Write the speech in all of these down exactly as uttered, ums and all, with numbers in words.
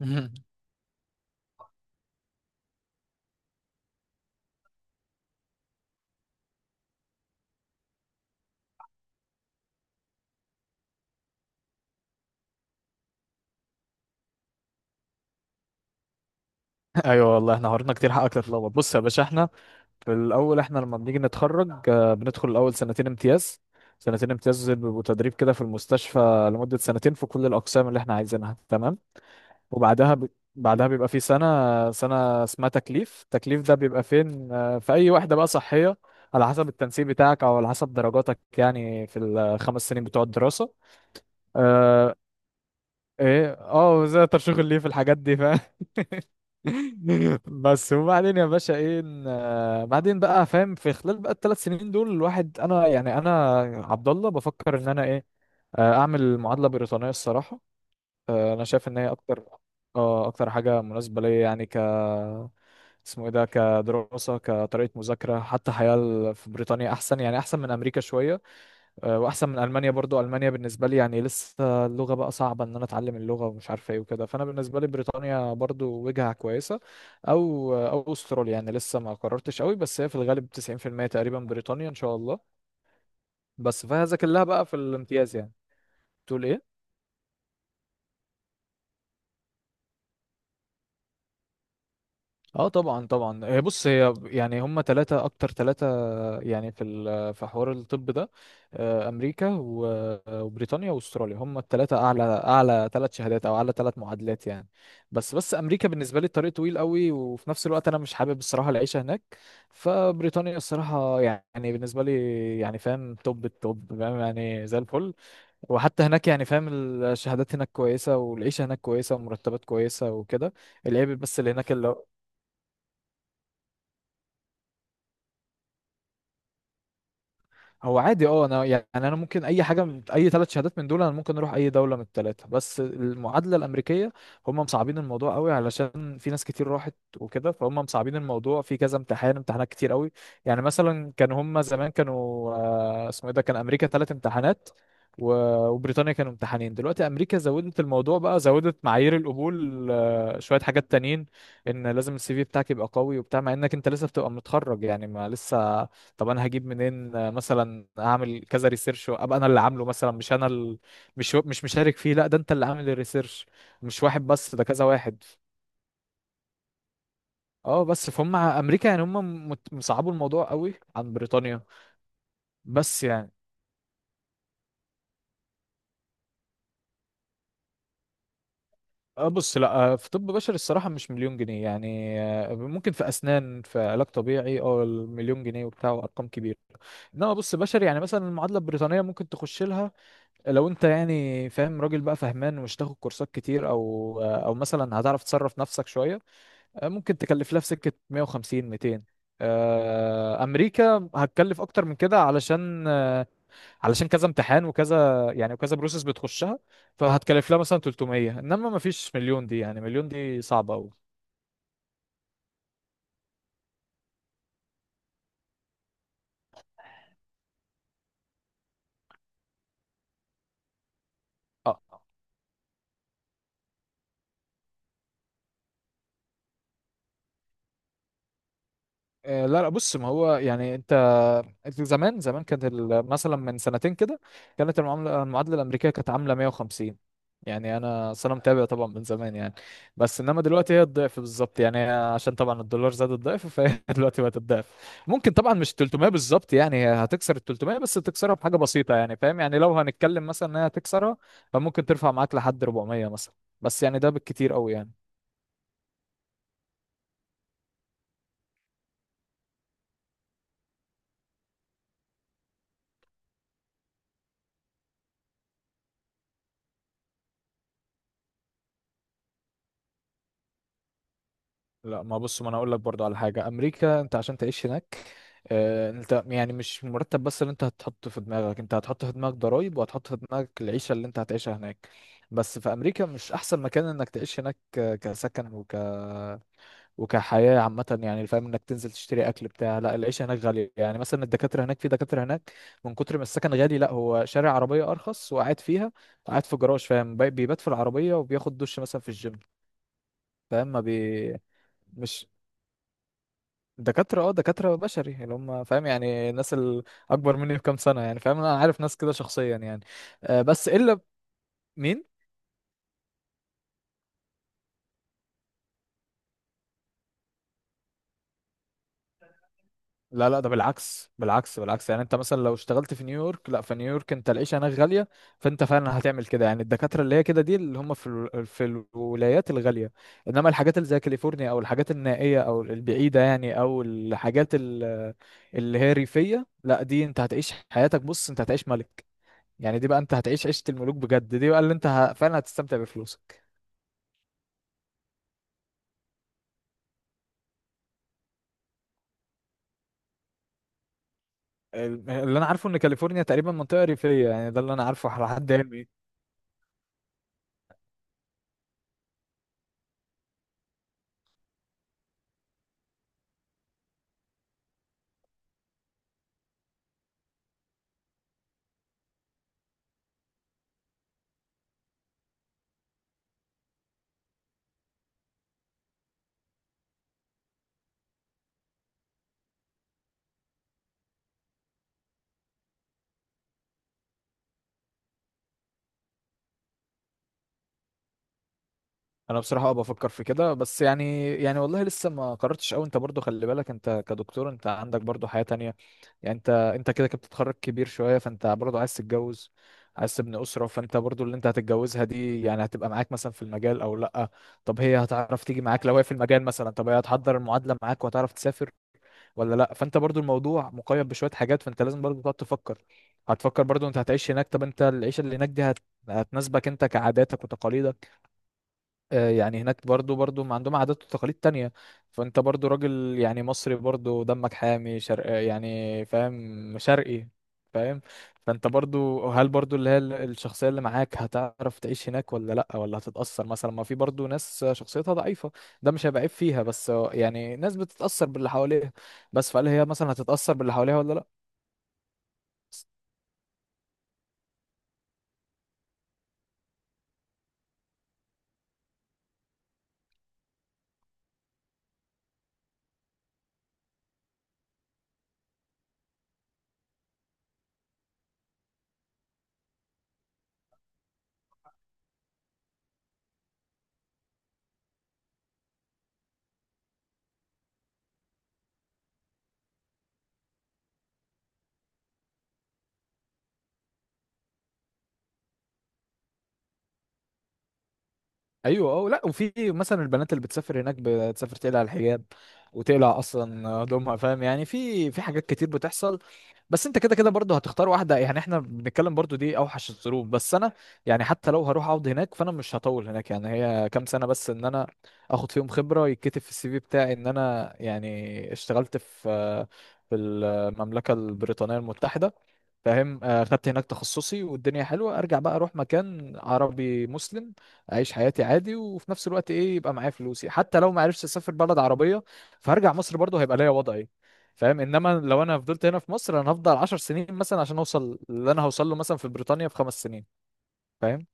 مهم. ايوه والله، احنا حوارنا كتير حقك تتلخبط. بص يا باشا، احنا في الاول احنا لما بنيجي نتخرج، آه، بندخل الاول سنتين امتياز. سنتين امتياز دول بيبقوا تدريب كده في المستشفى لمدة سنتين في كل الاقسام اللي احنا عايزينها. تمام. وبعدها ب... بعدها بيبقى في سنة، سنة اسمها تكليف. التكليف ده بيبقى فين؟ آه، في اي واحدة بقى صحية، على حسب التنسيق بتاعك او على حسب درجاتك، يعني في الخمس سنين بتوع الدراسة. آه، ايه، اه زي ترشيح الليف الحاجات دي فاهم. بس وبعدين يا باشا ايه إن- آه، بعدين بقى فاهم، في خلال بقى الثلاث سنين دول الواحد انا يعني انا عبد الله بفكر ان انا ايه، آه، اعمل معادله بريطانيه الصراحه. آه، انا شايف ان هي اكتر اه اكتر حاجه مناسبه ليا، يعني ك اسمه ايه ده، كدراسه كطريقه مذاكره، حتى حياه ال- في بريطانيا احسن، يعني احسن من امريكا شويه. آه، واحسن من المانيا برضو. المانيا بالنسبه لي يعني لسه اللغه بقى صعبه ان انا اتعلم اللغه ومش عارفه ايه وكده. فانا بالنسبه لي بريطانيا برضو وجهه كويسه، او او استراليا، يعني لسه ما قررتش قوي، بس هي في الغالب تسعين في المئه تقريبا بريطانيا ان شاء الله. بس فهي ذاكر لها بقى في الامتياز يعني. تقول ايه؟ اه طبعا طبعا، هي بص، هي يعني هم ثلاثة اكتر ثلاثة. يعني في ال- في حوار الطب ده، آه، امريكا و- وبريطانيا واستراليا هم الثلاثه اعلى، اعلى ثلاث شهادات او اعلى ثلاث معادلات يعني. بس بس امريكا بالنسبه لي الطريق طويل قوي، وفي نفس الوقت انا مش حابب الصراحه العيشه هناك. فبريطانيا الصراحه يعني بالنسبه لي يعني فاهم، توب التوب فاهم، يعني زي الفل. وحتى هناك يعني فاهم، الشهادات هناك كويسه والعيشه هناك كويسه ومرتبات كويسه وكده. العيب بس اللي هناك اللي هو، عادي. اه، انا يعني انا ممكن اي حاجه من اي ثلاث شهادات من دول، انا ممكن اروح اي دوله من الثلاثه. بس المعادله الامريكيه، هم مصعبين الموضوع قوي علشان في ناس كتير راحت وكده، فهم مصعبين الموضوع في كذا امتحان، امتحانات كتير قوي. يعني مثلا كان هم زمان كانوا، آه، اسمه ايه ده، كان امريكا ثلاث امتحانات و- وبريطانيا كانوا امتحانين. دلوقتي امريكا زودت الموضوع بقى، زودت معايير القبول، آه، شويه حاجات تانيين، ان لازم السي في بتاعك يبقى قوي وبتاع، مع انك انت لسه بتبقى متخرج يعني ما لسه. طب انا هجيب منين؟ آه، مثلا اعمل كذا ريسيرش ابقى انا اللي عامله، مثلا مش انا ال... مش مش مشارك فيه، لا ده انت اللي عامل الريسيرش، مش واحد بس ده كذا واحد. اه بس فهم امريكا يعني هم مت- مصعبوا الموضوع قوي عن بريطانيا. بس يعني اه بص لا، آه، في طب بشري الصراحة مش مليون جنيه يعني. آه، ممكن في أسنان، في علاج طبيعي اه المليون جنيه وبتاع وأرقام كبيرة. انما بص بشري، يعني مثلا المعادله البريطانيه ممكن تخش لها، لو انت يعني فاهم راجل بقى فهمان، ومش تاخد كورسات كتير، او او مثلا هتعرف تصرف نفسك شويه. آه، ممكن تكلف لها في سكه مية وخمسين ميتين. آه، امريكا هتكلف اكتر من كده، علشان آه، علشان كذا امتحان وكذا يعني، وكذا بروسيس بتخشها. فهتكلف لها مثلا تلت ميه، انما ما فيش مليون. دي يعني مليون دي صعبه قوي. اه آه، لا لا، بص ما هو يعني انت، زمان زمان كانت ال- مثلا من سنتين كده، كانت المعامله المعادله الامريكيه كانت عامله مية وخمسين. يعني انا أصل انا متابع طبعا من زمان يعني. بس انما دلوقتي هي الضعف بالظبط، يعني هي عشان طبعا الدولار زاد الضعف، فهي دلوقتي بقت الضعف. ممكن طبعا مش تلت ميه بالظبط يعني، هي هتكسر ال تلت ميه، بس تكسرها بحاجه بسيطه يعني، فاهم يعني لو هنتكلم مثلا ان هي هتكسرها، فممكن ترفع معاك لحد اربعمئة مثلا، بس يعني ده بالكتير قوي يعني. لا ما بص، ما انا اقول لك برضو على حاجه. امريكا انت عشان تعيش هناك، آه، انت يعني مش المرتب بس اللي انت هتحطه في دماغك، انت هتحط في دماغك ضرايب، وهتحط في دماغك العيشه اللي انت هتعيشها هناك. بس في امريكا مش احسن مكان انك تعيش هناك، ك- كسكن وك وكحياه عامه يعني، فاهم، انك تنزل تشتري اكل بتاع، لا العيشه هناك غاليه. يعني مثلا الدكاتره هناك، في دكاتره هناك من كتر ما السكن غالي، لا هو شارع عربيه ارخص وقاعد فيها، قاعد في جراج. فاهم، بي- بيبات في العربيه وبياخد دش مثلا في الجيم. فاهم ما بي مش دكاترة اه دكاترة بشري يعني هم، فاهم يعني الناس الأكبر مني بكام سنة، يعني فاهم، أنا عارف ناس كده شخصيا يعني. آه، بس إلا مين؟ لا لا، ده بالعكس بالعكس بالعكس، يعني انت مثلا لو اشتغلت في نيويورك، لا في نيويورك انت العيشة هناك غالية. فانت فعلا هتعمل كده يعني، الدكاترة اللي هي كده دي اللي هم في ال- في الولايات الغالية. انما الحاجات اللي زي كاليفورنيا، او الحاجات النائية او البعيدة، يعني او الحاجات ال- اللي هي ريفية، لا دي انت هتعيش حياتك، بص انت هتعيش ملك، يعني دي بقى انت هتعيش عيشة الملوك بجد. دي بقى اللي انت ه... فعلا هتستمتع بفلوسك. ال- اللي انا عارفه ان كاليفورنيا تقريبا منطقة ريفية، يعني ده اللي انا عارفه على حد علمي. انا بصراحة اه بفكر في كده، بس يعني يعني والله لسه ما قررتش قوي. انت برضو خلي بالك، انت كدكتور انت عندك برضو حياة تانية، يعني انت انت كده كده بتتخرج كبير شوية، فانت برضو عايز تتجوز، عايز تبني أسرة. فانت برضو اللي انت هتتجوزها دي يعني هتبقى معاك مثلا في المجال او لا؟ طب هي هتعرف تيجي معاك لو هي في المجال مثلا؟ طب هي هتحضر المعادلة معاك وهتعرف تسافر ولا لا؟ فانت برضو الموضوع مقيد بشويه حاجات، فانت لازم برضو تقعد تفكر. هتفكر برضو انت هتعيش هناك، طب انت العيشه اللي هناك دي هت... هتناسبك انت كعاداتك وتقاليدك؟ آه، يعني هناك برضو برضو ما عندهم عادات وتقاليد تانية. فانت برضو راجل يعني مصري، برضو دمك حامي، شرق آه، يعني فاهم، شرقي. فاهم، فانت برضو هل برضو اللي هي ال- الشخصية اللي معاك هتعرف تعيش هناك ولا لأ؟ ولا هتتأثر مثلا؟ ما في برضو ناس شخصيتها ضعيفة، ده مش هيبقى عيب فيها، بس يعني ناس بتتأثر باللي حواليها، بس فهل هي مثلا هتتأثر باللي حواليها ولا لأ؟ ايوه اه لا، وفي مثلا البنات اللي بتسافر هناك، بتسافر تقلع الحجاب، وتقلع اصلا هدومها. فاهم يعني في في حاجات كتير بتحصل. بس انت كده كده برضه هتختار واحده. يعني احنا بنتكلم برضه دي اوحش الظروف. بس انا يعني حتى لو هروح اقعد هناك فانا مش هطول هناك، يعني هي كام سنه بس ان انا اخد فيهم خبره يتكتب في السي في بتاعي، ان انا يعني اشتغلت في في المملكه البريطانيه المتحده. فاهم، آه، خدت هناك تخصصي والدنيا حلوه، ارجع بقى اروح مكان عربي مسلم، اعيش حياتي عادي وفي نفس الوقت ايه يبقى معايا فلوسي. حتى لو ما عرفتش اسافر بلد عربيه، فهرجع مصر برضه هيبقى ليا وضعي، فاهم. انما لو انا فضلت هنا في مصر، انا هفضل عشر سنين مثلا عشان اوصل اللي انا هوصل له مثلا في بريطانيا في خمس سنين، فاهم.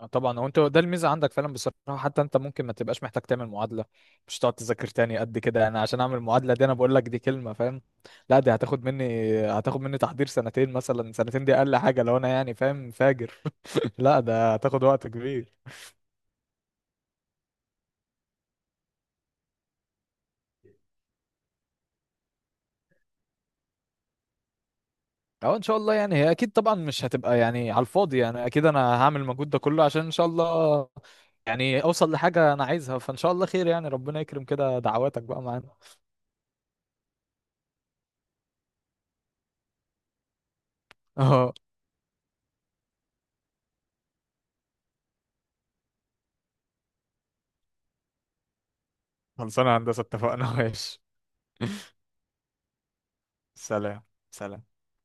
آه، طبعا هو انت ده الميزه عندك فعلا بصراحه، حتى انت ممكن ما تبقاش محتاج تعمل معادله، مش تقعد تذاكر تاني قد كده. انا عشان اعمل معادله دي، انا بقول لك دي كلمه فاهم. لا دي هتاخد مني هتاخد مني تحضير سنتين مثلا. سنتين دي اقل حاجه لو انا يعني فاهم فاجر. لا ده هتاخد وقت كبير. او ان شاء الله يعني، هي اكيد طبعا مش هتبقى يعني على الفاضي، يعني اكيد انا هعمل المجهود ده كله عشان ان شاء الله يعني اوصل لحاجه انا عايزها، فان شاء الله خير يعني. ربنا يكرم كده، دعواتك بقى معانا. اه خلصانه يا هندسه، اتفقنا. ماشي. سلام. سلام.